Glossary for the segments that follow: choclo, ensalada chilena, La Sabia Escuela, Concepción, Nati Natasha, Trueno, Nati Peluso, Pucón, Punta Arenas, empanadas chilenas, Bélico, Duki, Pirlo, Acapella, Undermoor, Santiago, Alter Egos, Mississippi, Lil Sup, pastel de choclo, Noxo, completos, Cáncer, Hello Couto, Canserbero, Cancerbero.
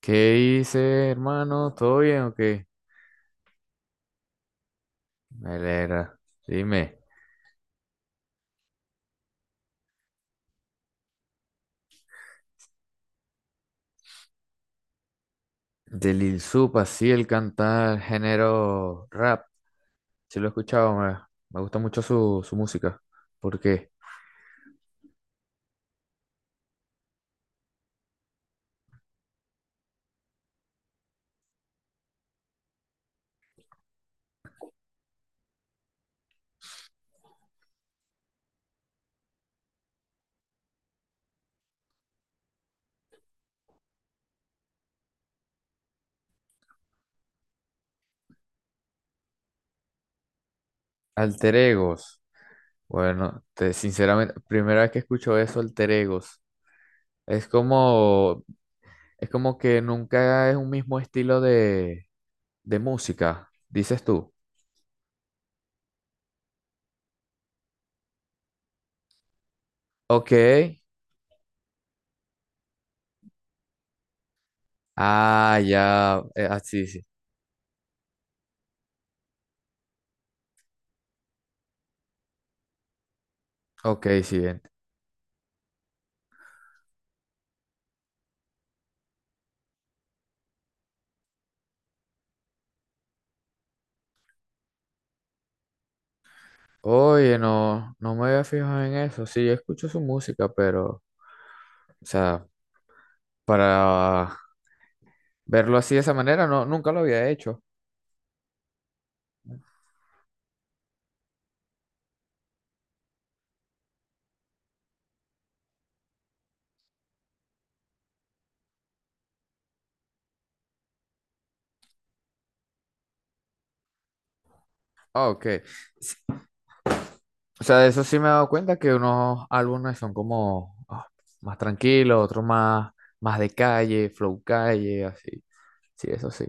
¿Qué hice, hermano? ¿Todo bien o qué? Me alegra. Dime. De Lil Sup, así el cantar género rap. Sí lo he escuchado, me gusta mucho su música. ¿Por qué? Alter Egos. Bueno, sinceramente, primera vez que escucho eso, Alter Egos. Es como, es como que nunca es un mismo estilo de música, dices tú. Ok. Ah, ya. Sí, sí. Ok, sí. Oye, no me había fijado en eso. Sí, yo escucho su música, pero, o sea, para verlo así de esa manera, no, nunca lo había hecho. Ah, ok. O sea, de eso sí me he dado cuenta que unos álbumes son como ah, más tranquilos, más de calle, flow calle, así. Sí, eso sí.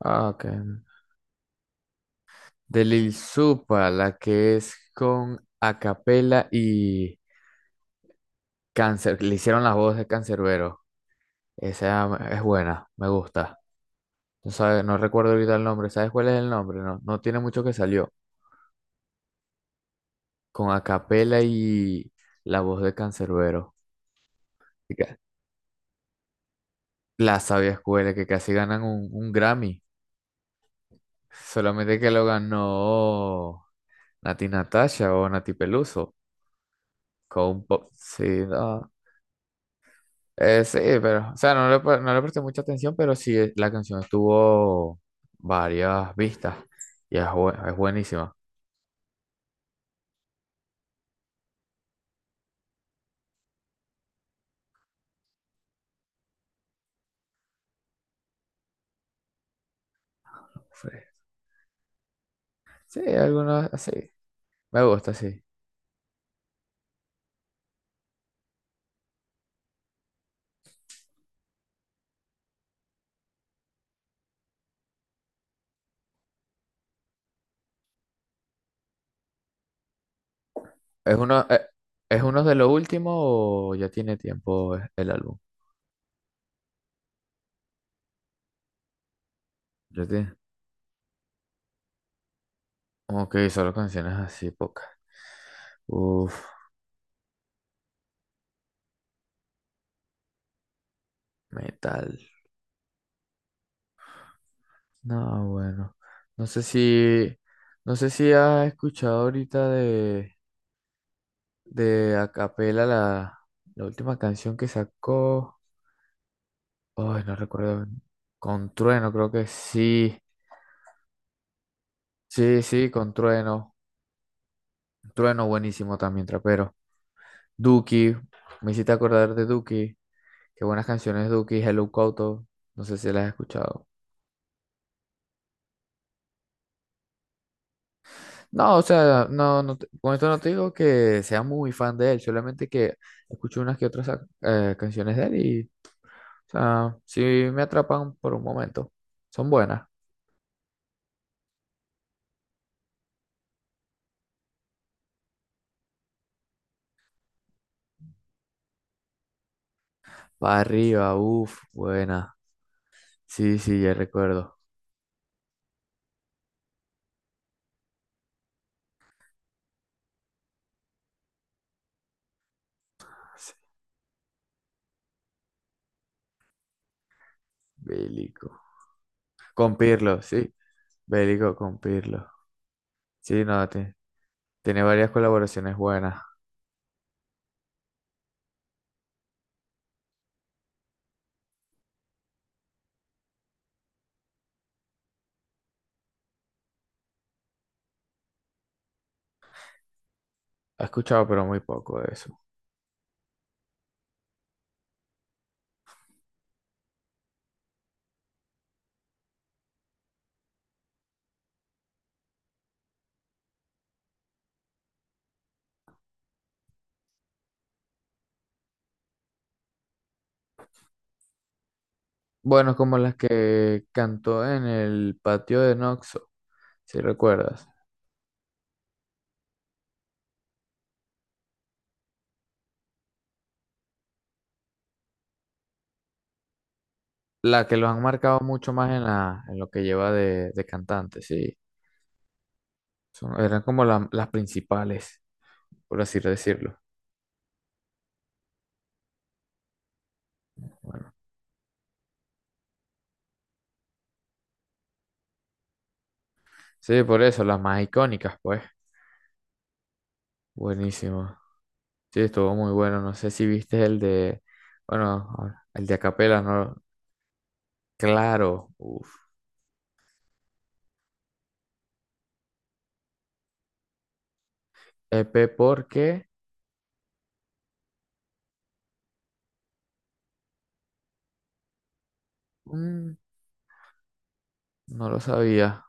Ah, ok. De Lil Supa, la que es con Acapella y Cáncer, le hicieron la voz de Cancerbero. Esa es buena, me gusta. No recuerdo ahorita el nombre. ¿Sabes cuál es el nombre? No, no tiene mucho que salió. Con Acapela y la voz de Canserbero. Y ca- La Sabia Escuela, que casi ganan un Grammy. Solamente que lo ganó Nati Natasha o Nati Peluso. Con un pop. Sí, no. Sí, pero. O sea, no le presté mucha atención, pero sí, la canción tuvo varias vistas. Y es, es buenísima. Sí, sí, algunas así. Me gusta, sí. ¿Es uno, eh, es uno de lo último o ya tiene tiempo el álbum? Ya tiene. Ok, solo canciones así, pocas. Uf, metal. No, bueno. No sé si, no sé si has escuchado ahorita de Acapela la última canción que sacó. Ay, no recuerdo. Con Trueno, creo que sí. Sí, sí, con Trueno. Trueno, buenísimo también, trapero. Duki, me hiciste acordar de Duki. Qué buenas canciones, Duki, Hello Couto. No sé si las has escuchado. No, o sea, con esto no te digo que sea muy fan de él, solamente que escucho unas que otras canciones de él y, o sea, sí me atrapan por un momento. Son buenas. Para arriba, uff, buena. Sí, sí, ya recuerdo. Sí, Bélico. Con Pirlo, sí. Bélico con Pirlo. Sí, no, te- tiene varias colaboraciones buenas. He escuchado, pero muy poco de eso. Bueno, como las que cantó en el patio de Noxo, si recuerdas. La que los han marcado mucho más en en lo que lleva de cantante, sí. Eran como las principales, por así decirlo. Bueno, sí, por eso, las más icónicas, pues. Buenísimo. Sí, estuvo muy bueno. No sé si viste el de, bueno, ahora, el de Acapela, ¿no? Claro, uff. EP porque mm, no lo sabía.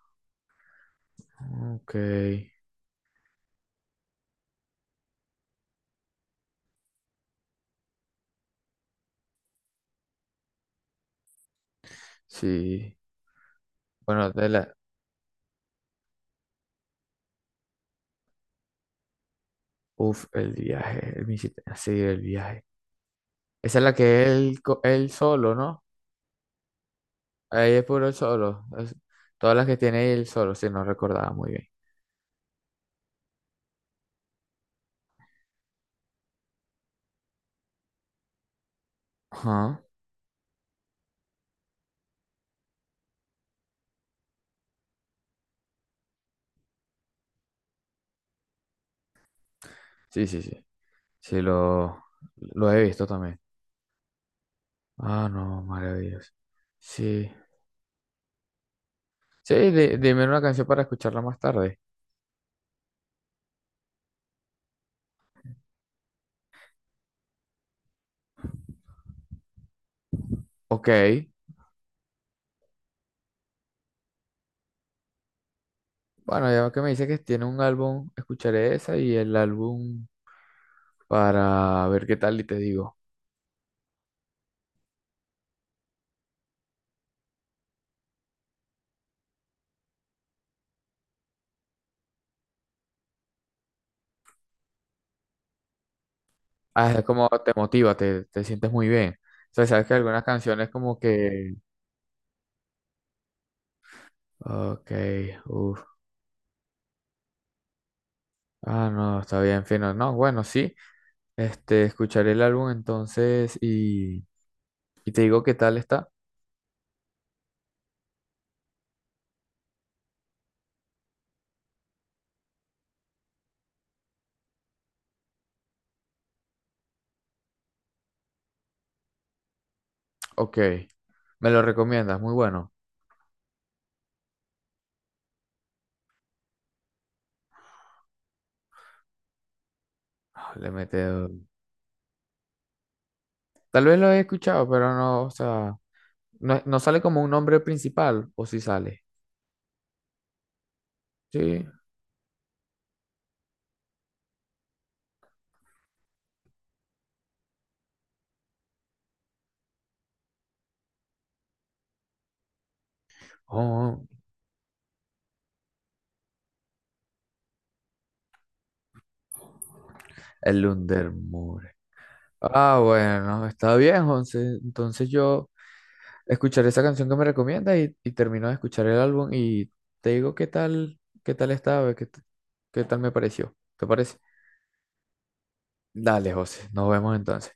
Ok, sí. Bueno, de la, Uf, el viaje, el Mississippi, sí, el viaje. Esa es la que él solo, ¿no? Ahí es puro él solo. Todas las que tiene él solo, sí, no recordaba muy bien. Ajá. Sí, sí, sí. Sí, lo, lo he visto también. Ah, no, maravilloso. Sí. Dime una canción para escucharla más tarde. Ok. Bueno, ya que me dice que tiene un álbum, escucharé esa y el álbum para ver qué tal y te digo. Ah, es como te motiva, te sientes muy bien. O sea, sabes que algunas canciones como que, ok, uff, ah, no, está bien, fino. No, bueno, sí, este, escucharé el álbum entonces y te digo qué tal está. Ok, me lo recomiendas, muy bueno. Ah, le mete, tal vez lo he escuchado, pero no, o sea, no sale como un nombre principal, o si sale. Sí, oh, el Undermoor. Ah, bueno, está bien, José. Entonces yo... escuchar esa canción que me recomiendas y termino de escuchar el álbum y te digo qué tal, qué tal estaba, qué, t- qué tal me pareció. ¿Te parece? Dale, José, nos vemos entonces.